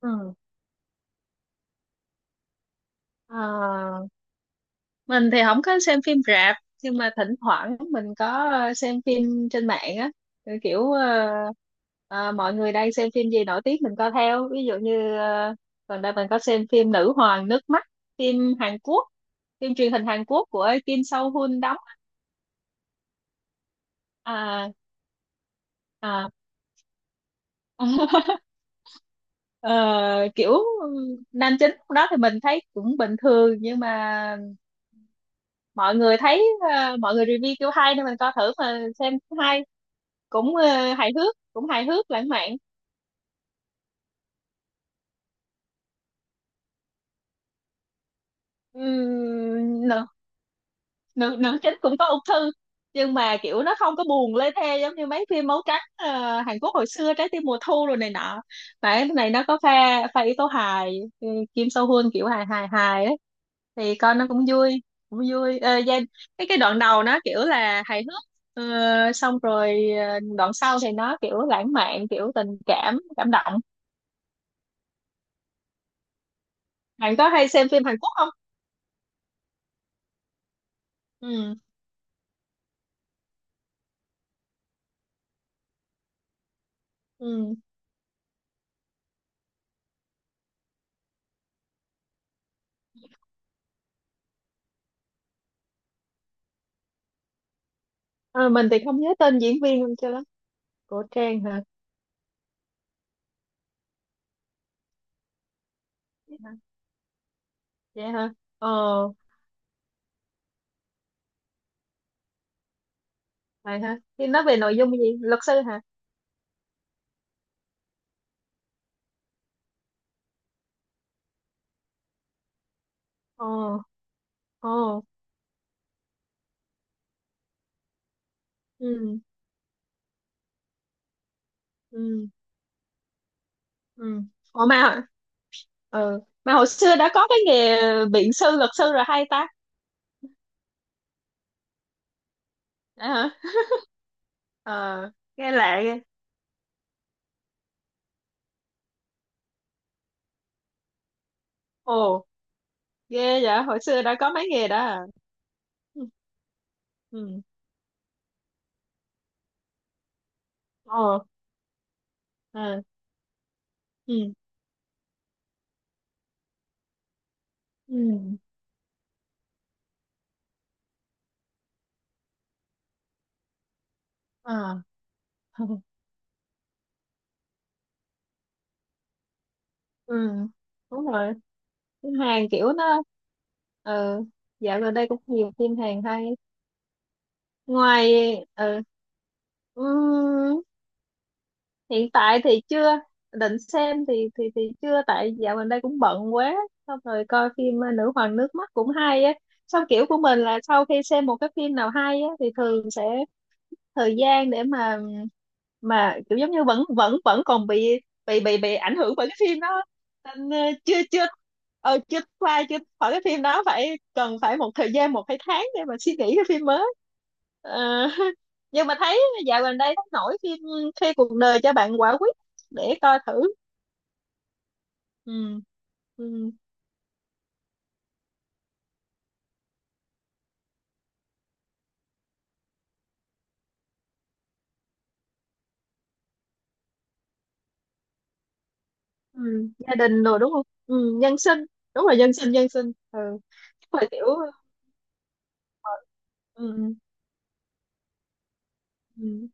Ừ. Ờ, mình thì không có xem phim rạp, nhưng mà thỉnh thoảng mình có xem phim trên mạng á. Ừ, kiểu ờ, Mọi người đang xem phim gì nổi tiếng mình coi theo, ví dụ như gần đây mình có xem phim Nữ hoàng nước mắt, phim Hàn Quốc, phim truyền hình Hàn Quốc của Kim Sâu Hun đóng. À, à. Ờ, kiểu nam chính lúc đó thì mình thấy cũng bình thường, nhưng mà mọi người thấy, mọi người review kiểu hay nên mình coi thử mà xem hay. Cũng hài hước, cũng hài hước lãng mạn. Nữ nữ nữ chính cũng có ung thư, nhưng mà kiểu nó không có buồn lê thê giống như mấy phim máu trắng Hàn Quốc hồi xưa, trái tim mùa thu rồi này nọ. Mà cái này nó có pha, pha yếu tố hài. Ừ, Kim So Hyun kiểu hài hài hài ấy, thì coi nó cũng vui, cũng vui. Cái đoạn đầu nó kiểu là hài hước. Xong rồi đoạn sau thì nó kiểu lãng mạn, kiểu tình cảm cảm động. Bạn có hay xem phim Hàn Quốc không? Ừ. Ừ. Ờ, mình thì không nhớ tên diễn viên luôn cho lắm. Của Trang hả? Dạ hả? Ờ. Vậy hả, thì nói về nội dung gì, luật sư hả? Ờ. Ờ. Ừ. Ừ. Ừ. Ủa mà, ừ mà hồi xưa đã có cái nghề biện sư luật sư rồi hay ta? Dạ hả? Ờ, nghe lạ ghê. Ồ, ghê vậy, hồi xưa đã có mấy nghề đó à? Ừ. Ừ. Ồ. À. Ừ. Ừ. À. Ừ. Đúng rồi, phim Hàn kiểu nó, ừ, dạo gần đây cũng nhiều phim Hàn hay. Ngoài, ừ, ừm, hiện tại thì chưa định xem, thì chưa tại dạo gần đây cũng bận quá. Xong rồi coi phim Nữ hoàng nước mắt cũng hay á. Xong kiểu của mình là sau khi xem một cái phim nào hay á thì thường sẽ thời gian để mà kiểu giống như vẫn vẫn vẫn còn bị, bị ảnh hưởng bởi cái phim đó nên ờ, chưa chưa ờ, chưa qua chưa khỏi cái phim đó, phải cần phải một thời gian một hai tháng để mà suy nghĩ cái phim mới. Ờ, nhưng mà thấy dạo gần đây thấy nổi phim khi cuộc đời cho bạn quả quýt, để coi thử. Ừ. Ừ. Ừ. Gia đình rồi đúng không, ừ, nhân sinh. Đúng rồi, nhân sinh, nhân sinh. Ừ. Chắc là kiểu. Ừ. Ừ.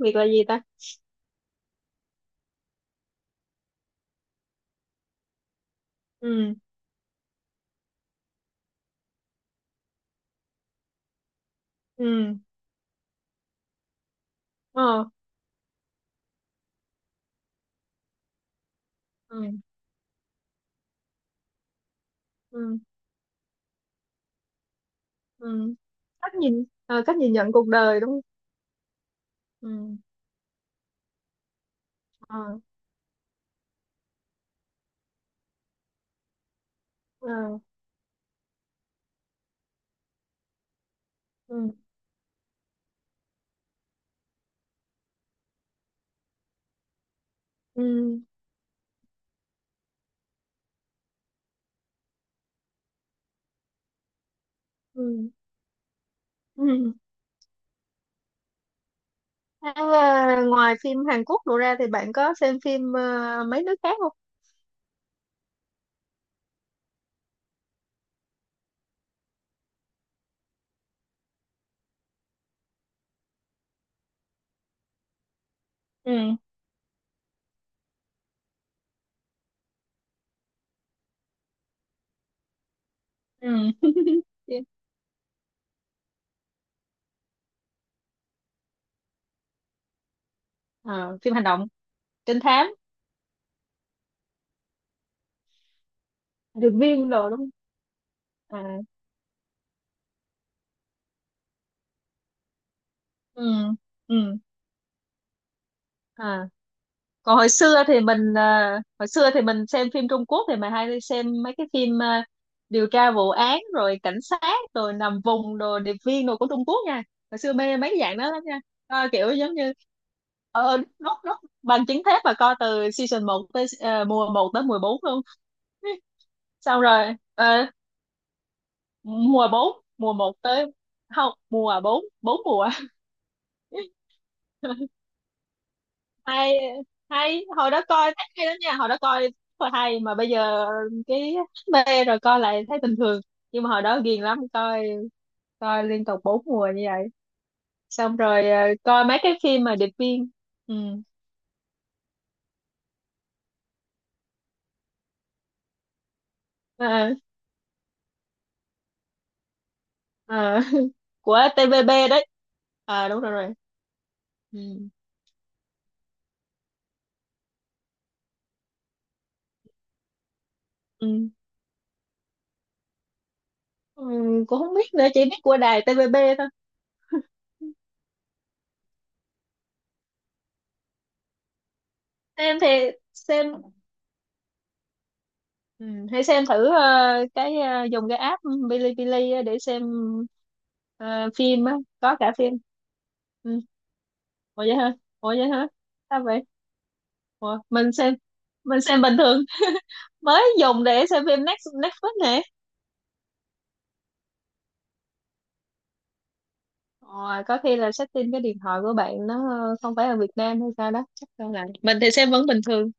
Việc là gì ta? Ừ. Ừ. Ờ. Ừ. Ừ. Ừ. Cách nhìn, cách nhìn nhận cuộc đời đúng không? Ừ. Ờ. Ờ. Ừ. Ừ. Ừ. Ừ. Thế, ngoài phim Hàn Quốc đổ ra thì bạn có xem phim mấy nước khác không? Ừ. Ừ. Phim- ờ, phim hành động, trinh thám, điệp viên đồ đúng không? À. Ừ. Ừ. À. Còn hồi xưa thì mình, hồi xưa thì mình xem phim Trung Quốc thì mình hay xem mấy cái phim điều tra vụ án rồi cảnh sát rồi nằm vùng rồi điệp viên đồ của Trung Quốc nha. Hồi xưa mê mấy cái dạng đó lắm nha. Coi kiểu giống như nốt nốt bằng chứng thép, và coi từ season một tới mùa một tới mùa bốn luôn. Xong rồi mùa một tới, không, mùa bốn, 4 mùa. Hay, hay, hồi đó coi thấy hay lắm nha, hồi đó coi rất là hay, mà bây giờ cái mê rồi coi lại thấy bình thường, nhưng mà hồi đó ghiền lắm, coi, coi liên tục bốn mùa như vậy. Xong rồi coi mấy cái phim mà điệp viên. Ừ. Ờ. Ờ. Của TVB đấy. À đúng rồi, rồi. Ừ. Ừ. Ừ. Cũng không biết nữa, chỉ biết của đài TVB thôi. Xem thì xem. Ừ, hãy xem thử cái, dùng cái app Bilibili á để xem ờ, phim á, có cả phim. Ừ. Ủa vậy hả? Ủa vậy hả? Sao vậy? Ủa, mình xem, mình xem bình thường. Mới dùng để xem phim Next- Netflix này. Ồ, có khi là setting cái điện thoại của bạn nó không phải ở Việt Nam hay sao đó, chắc đâu, là mình thì xem vẫn bình thường.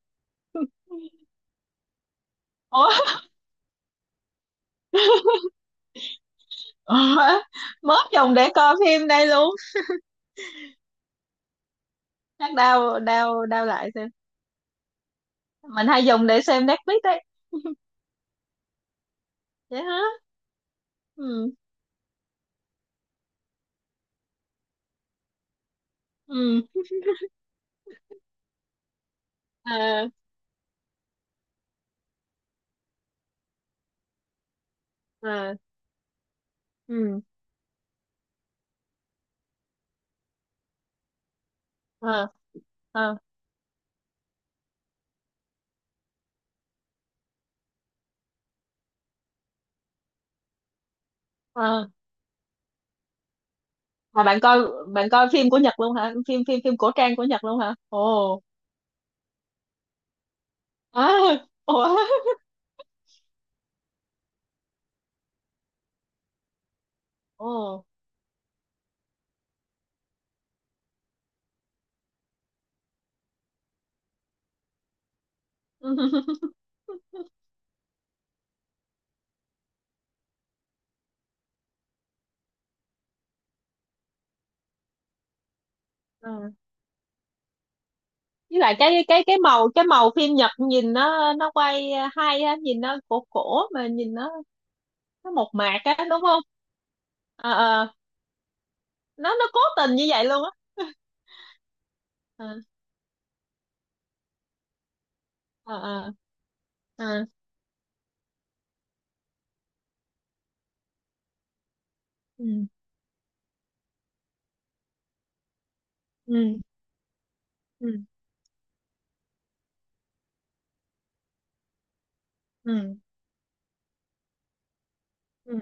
Ủa, ủa? Mới dùng để coi phim đây luôn, chắc đau đau đau lại xem. Mình hay dùng để xem Netflix đấy. Vậy hả? Ừ. Ừ. À. À. Ừ. À. À. À. À. Bạn coi, bạn coi phim của Nhật luôn hả, phim phim phim cổ trang của Nhật luôn hả? Ồ. À. Ồ. Ồ. Ừ. Với lại cái màu, cái màu phim Nhật nhìn nó quay hay á, nhìn nó cổ cổ, mà nhìn nó mộc mạc á đúng không? À, à, nó cố tình như vậy luôn á. À, à, à. Ừ. Ừ. Ừ. Ừ. Ừ.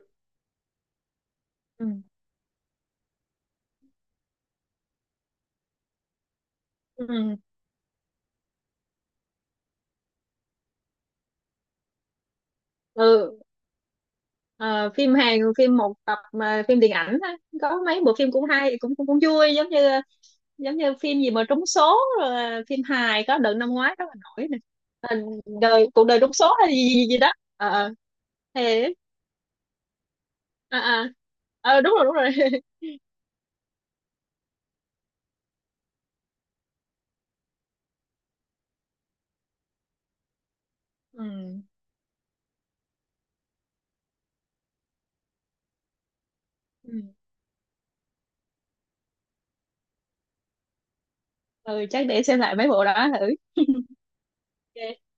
Ừ. ừ, ừ. Ờ, phim Hàn phim một tập mà phim điện ảnh á, có mấy bộ phim cũng hay, cũng cũng, cũng vui, giống như phim gì mà trúng số rồi, là phim hài có đợt năm ngoái rất là nổi nè. Ờ, đời cuộc đời trúng số hay gì gì, gì đó. Ờ. Ờ. Thế à, à. Ờ, đúng rồi, đúng rồi. Ừ. Ừ. Ừ chắc để xem lại mấy bộ đó thử. Ok.